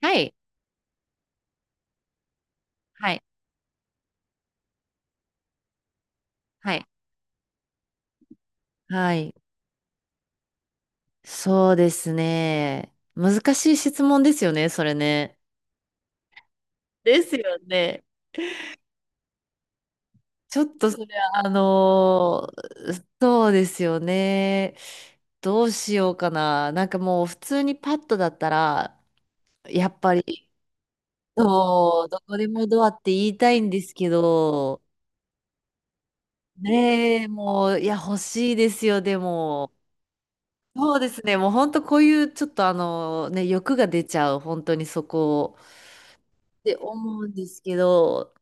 はい。はい。はい。はい。そうですね。難しい質問ですよね、それね。ですよね。ちょっとそれは、そうですよね。どうしようかな。なんかもう普通にパッとだったら、やっぱり、そう、どこでもドアって言いたいんですけど、ねえ、もう、いや、欲しいですよ、でも。そうですね。もう本当こういうちょっと欲が出ちゃう、本当にそこをって思うんですけど、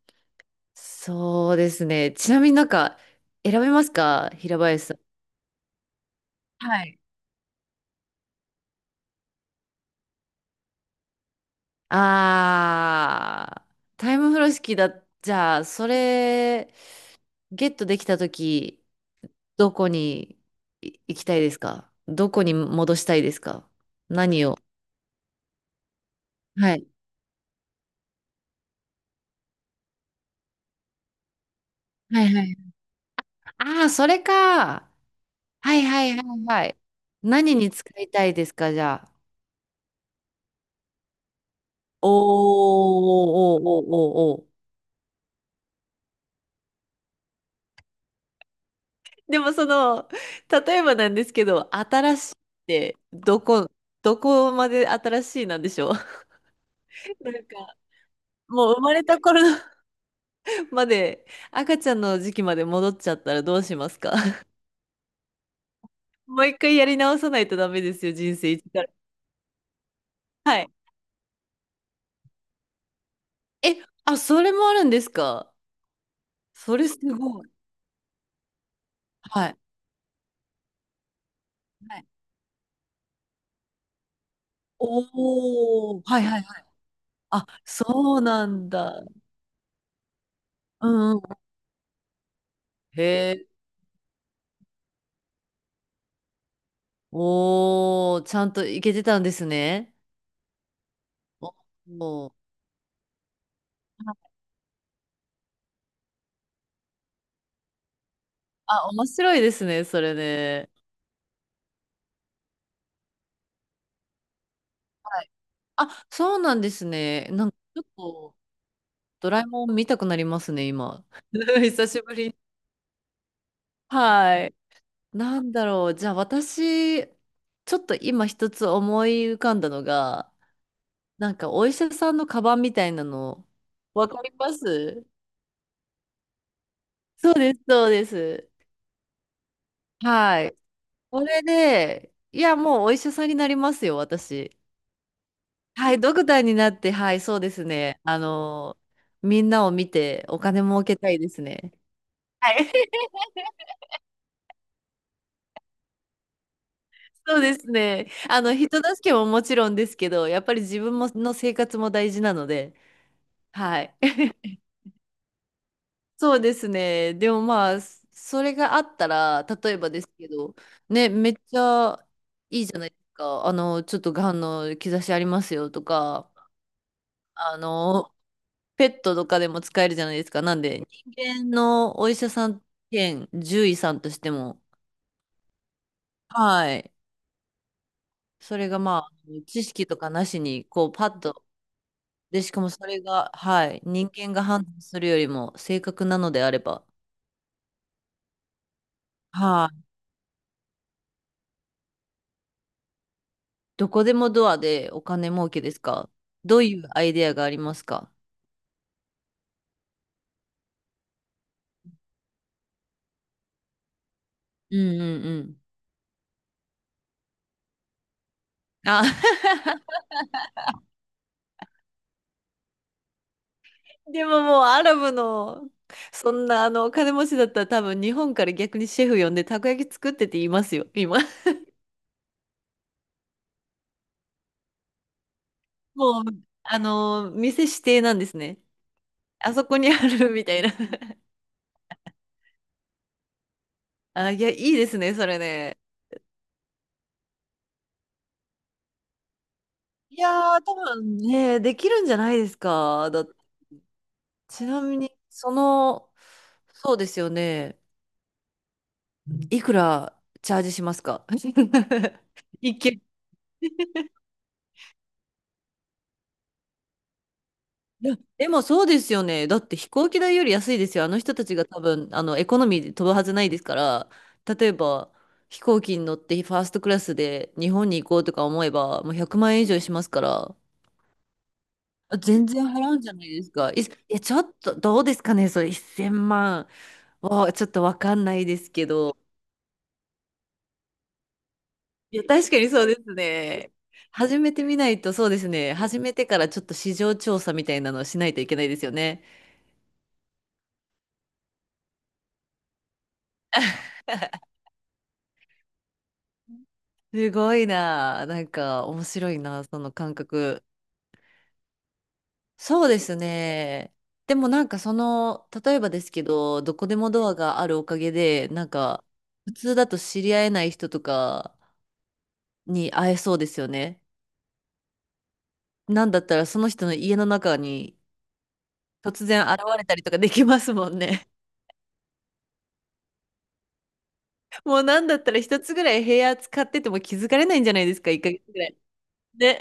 そうですね。ちなみになんか選べますか、平林さん。はい。あー、タイム風呂敷だ。じゃあ、それゲットできたとき、どこに行きたいですか？どこに戻したいですか？何を。はい。はいはい。あー、それか。はいはいはいはい。何に使いたいですか、じゃあ。おーおーおーおーおーお。でもその、例えばなんですけど、新しいってどこ、どこまで新しいなんでしょう？ なんか、もう生まれた頃の まで、赤ちゃんの時期まで戻っちゃったらどうしますか？ もう一回やり直さないとダメですよ、人生一から。はい。え、あ、それもあるんですか？それすごい。はい。はい。おー、はいはい、おお、はいはい。あ、そうなんだ。うんうん。へえ。おー、ちゃんと行けてたんですね。おお。あ、面白いですね、それね。はい。あ、そうなんですね。なんか、ちょっと、ドラえもん見たくなりますね、今。久しぶりに。はい。なんだろう。じゃあ、私、ちょっと今一つ思い浮かんだのが、なんか、お医者さんのカバンみたいなの、わかります？そうです、そうです。はい。これで、いや、もうお医者さんになりますよ、私。はい、ドクターになって、はい、そうですね。みんなを見てお金儲けたいですね。はい。そうですね。人助けももちろんですけど、やっぱり自分もの生活も大事なので、はい。そうですね。でもまあ、それがあったら、例えばですけど、ね、めっちゃいいじゃないですか。あの、ちょっとがんの兆しありますよとか、あの、ペットとかでも使えるじゃないですか。なんで、人間のお医者さん兼獣医さんとしても、はい。それがまあ、知識とかなしに、こう、パッと、で、しかもそれが、はい、人間が判断するよりも正確なのであれば、はい。どこでもドアでお金儲けですか？どういうアイデアがありますか？うんうんうん。あ、でももうアラブの、そんなあのお金持ちだったら多分日本から逆にシェフ呼んでたこ焼き作ってって言いますよ、今。もう、店指定なんですね。あそこにあるみたいな。あ、いや、いいですね、それね。いやー、多分ね、できるんじゃないですか。ちなみに、その、そうですよね。いくらチャージしますか？ 一件。いや、でもそうですよね。だって飛行機代より安いですよ。あの人たちが多分、エコノミーで飛ぶはずないですから、例えば飛行機に乗ってファーストクラスで日本に行こうとか思えば、もう100万円以上しますから、あ全然払うんじゃないですか。いや、ちょっとどうですかね、それ1,000万はちょっとわかんないですけど。いや、確かにそうですね。始めてみないと、そうですね。始めてからちょっと市場調査みたいなのをしないといけないですよね。すごいな。なんか面白いな、その感覚。そうですね。でもなんかその、例えばですけど、どこでもドアがあるおかげで、なんか普通だと知り合えない人とかに会えそうですよね。なんだったらその人の家の中に突然現れたりとかできますもんね。もうなんだったら一つぐらい部屋使ってても気づかれないんじゃないですか、一ヶ月ぐらい。ね。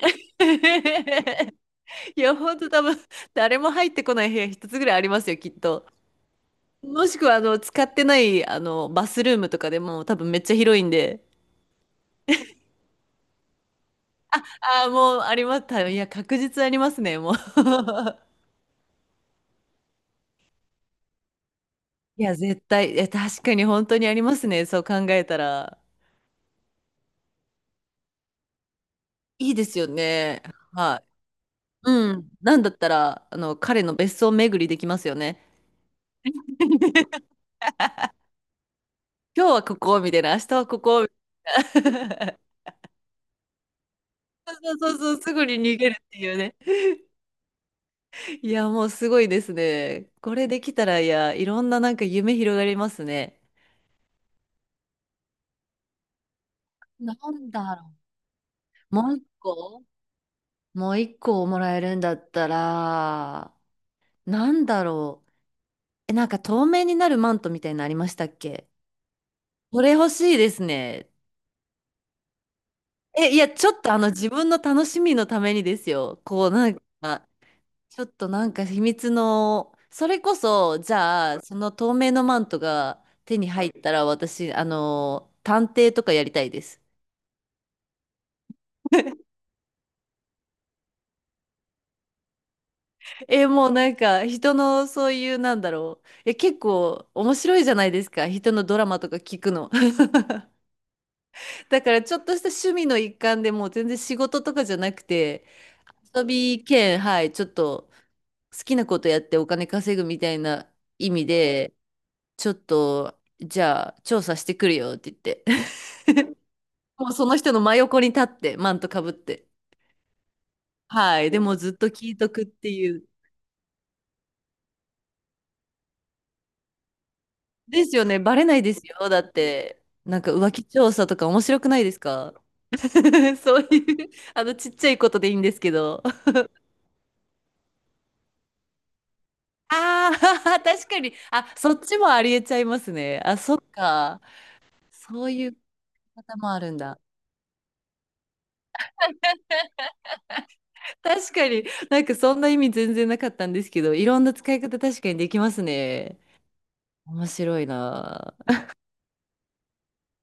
いや、ほんと多分誰も入ってこない部屋一つぐらいありますよ、きっと。もしくは、使ってない、バスルームとかでも多分めっちゃ広いんで。ああ、もうあります。いや、確実ありますね、もう。いや、絶対、いや、確かに本当にありますね、そう考えたら。いいですよね。はい。うん。なんだったら、彼の別荘巡りできますよね。今日はここ、みたいな、明日はここ、みたいな。そうそうそう、すぐに逃げるっていうね。いや、もうすごいですね。これできたら、いや、いろんななんか夢広がりますね。なんだろう。もう一個もらえるんだったら、なんだろう。え、なんか透明になるマントみたいなのありましたっけ？これ欲しいですね。え、いや、ちょっとあの自分の楽しみのためにですよ。こう、なんか、ちょっとなんか秘密の、それこそ、じゃあ、その透明のマントが手に入ったら、私、探偵とかやりたいです。え、もうなんか人のそういうなんだろう。え、結構面白いじゃないですか。人のドラマとか聞くの。だからちょっとした趣味の一環でもう全然仕事とかじゃなくて、遊び兼、はい、ちょっと好きなことやってお金稼ぐみたいな意味で、ちょっとじゃあ調査してくるよって言って。もうその人の真横に立って、マントかぶって。はい。でもずっと聞いとくっていう。ですよね。バレないですよ。だって、なんか浮気調査とか面白くないですか？ そういう、ちっちゃいことでいいんですけど。ああ、確かに。あ、そっちもありえちゃいますね。あ、そっか。そういう方もあるんだ。確かに、なんかそんな意味全然なかったんですけど、いろんな使い方確かにできますね。面白いな。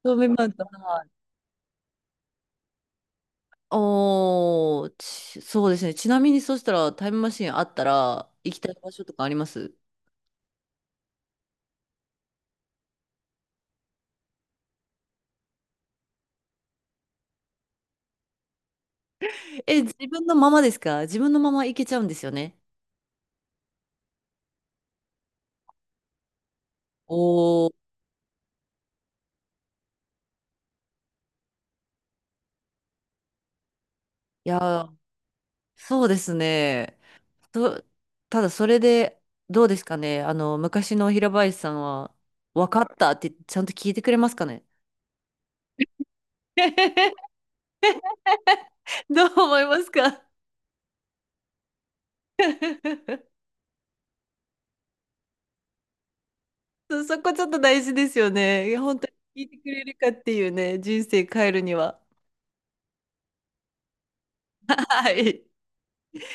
そうマシント。はい。おー、ちそうですね。ちなみにそしたらタイムマシンあったら行きたい場所とかあります？え、自分のままですか？自分のままいけちゃうんですよね。おー、いやー、そうですね。と、ただそれで、どうですかね。昔の平林さんは、分かったってちゃんと聞いてくれますかね。どう思いますか？ そこちょっと大事ですよね。本当に聞いてくれるかっていうね、人生変えるには。はい。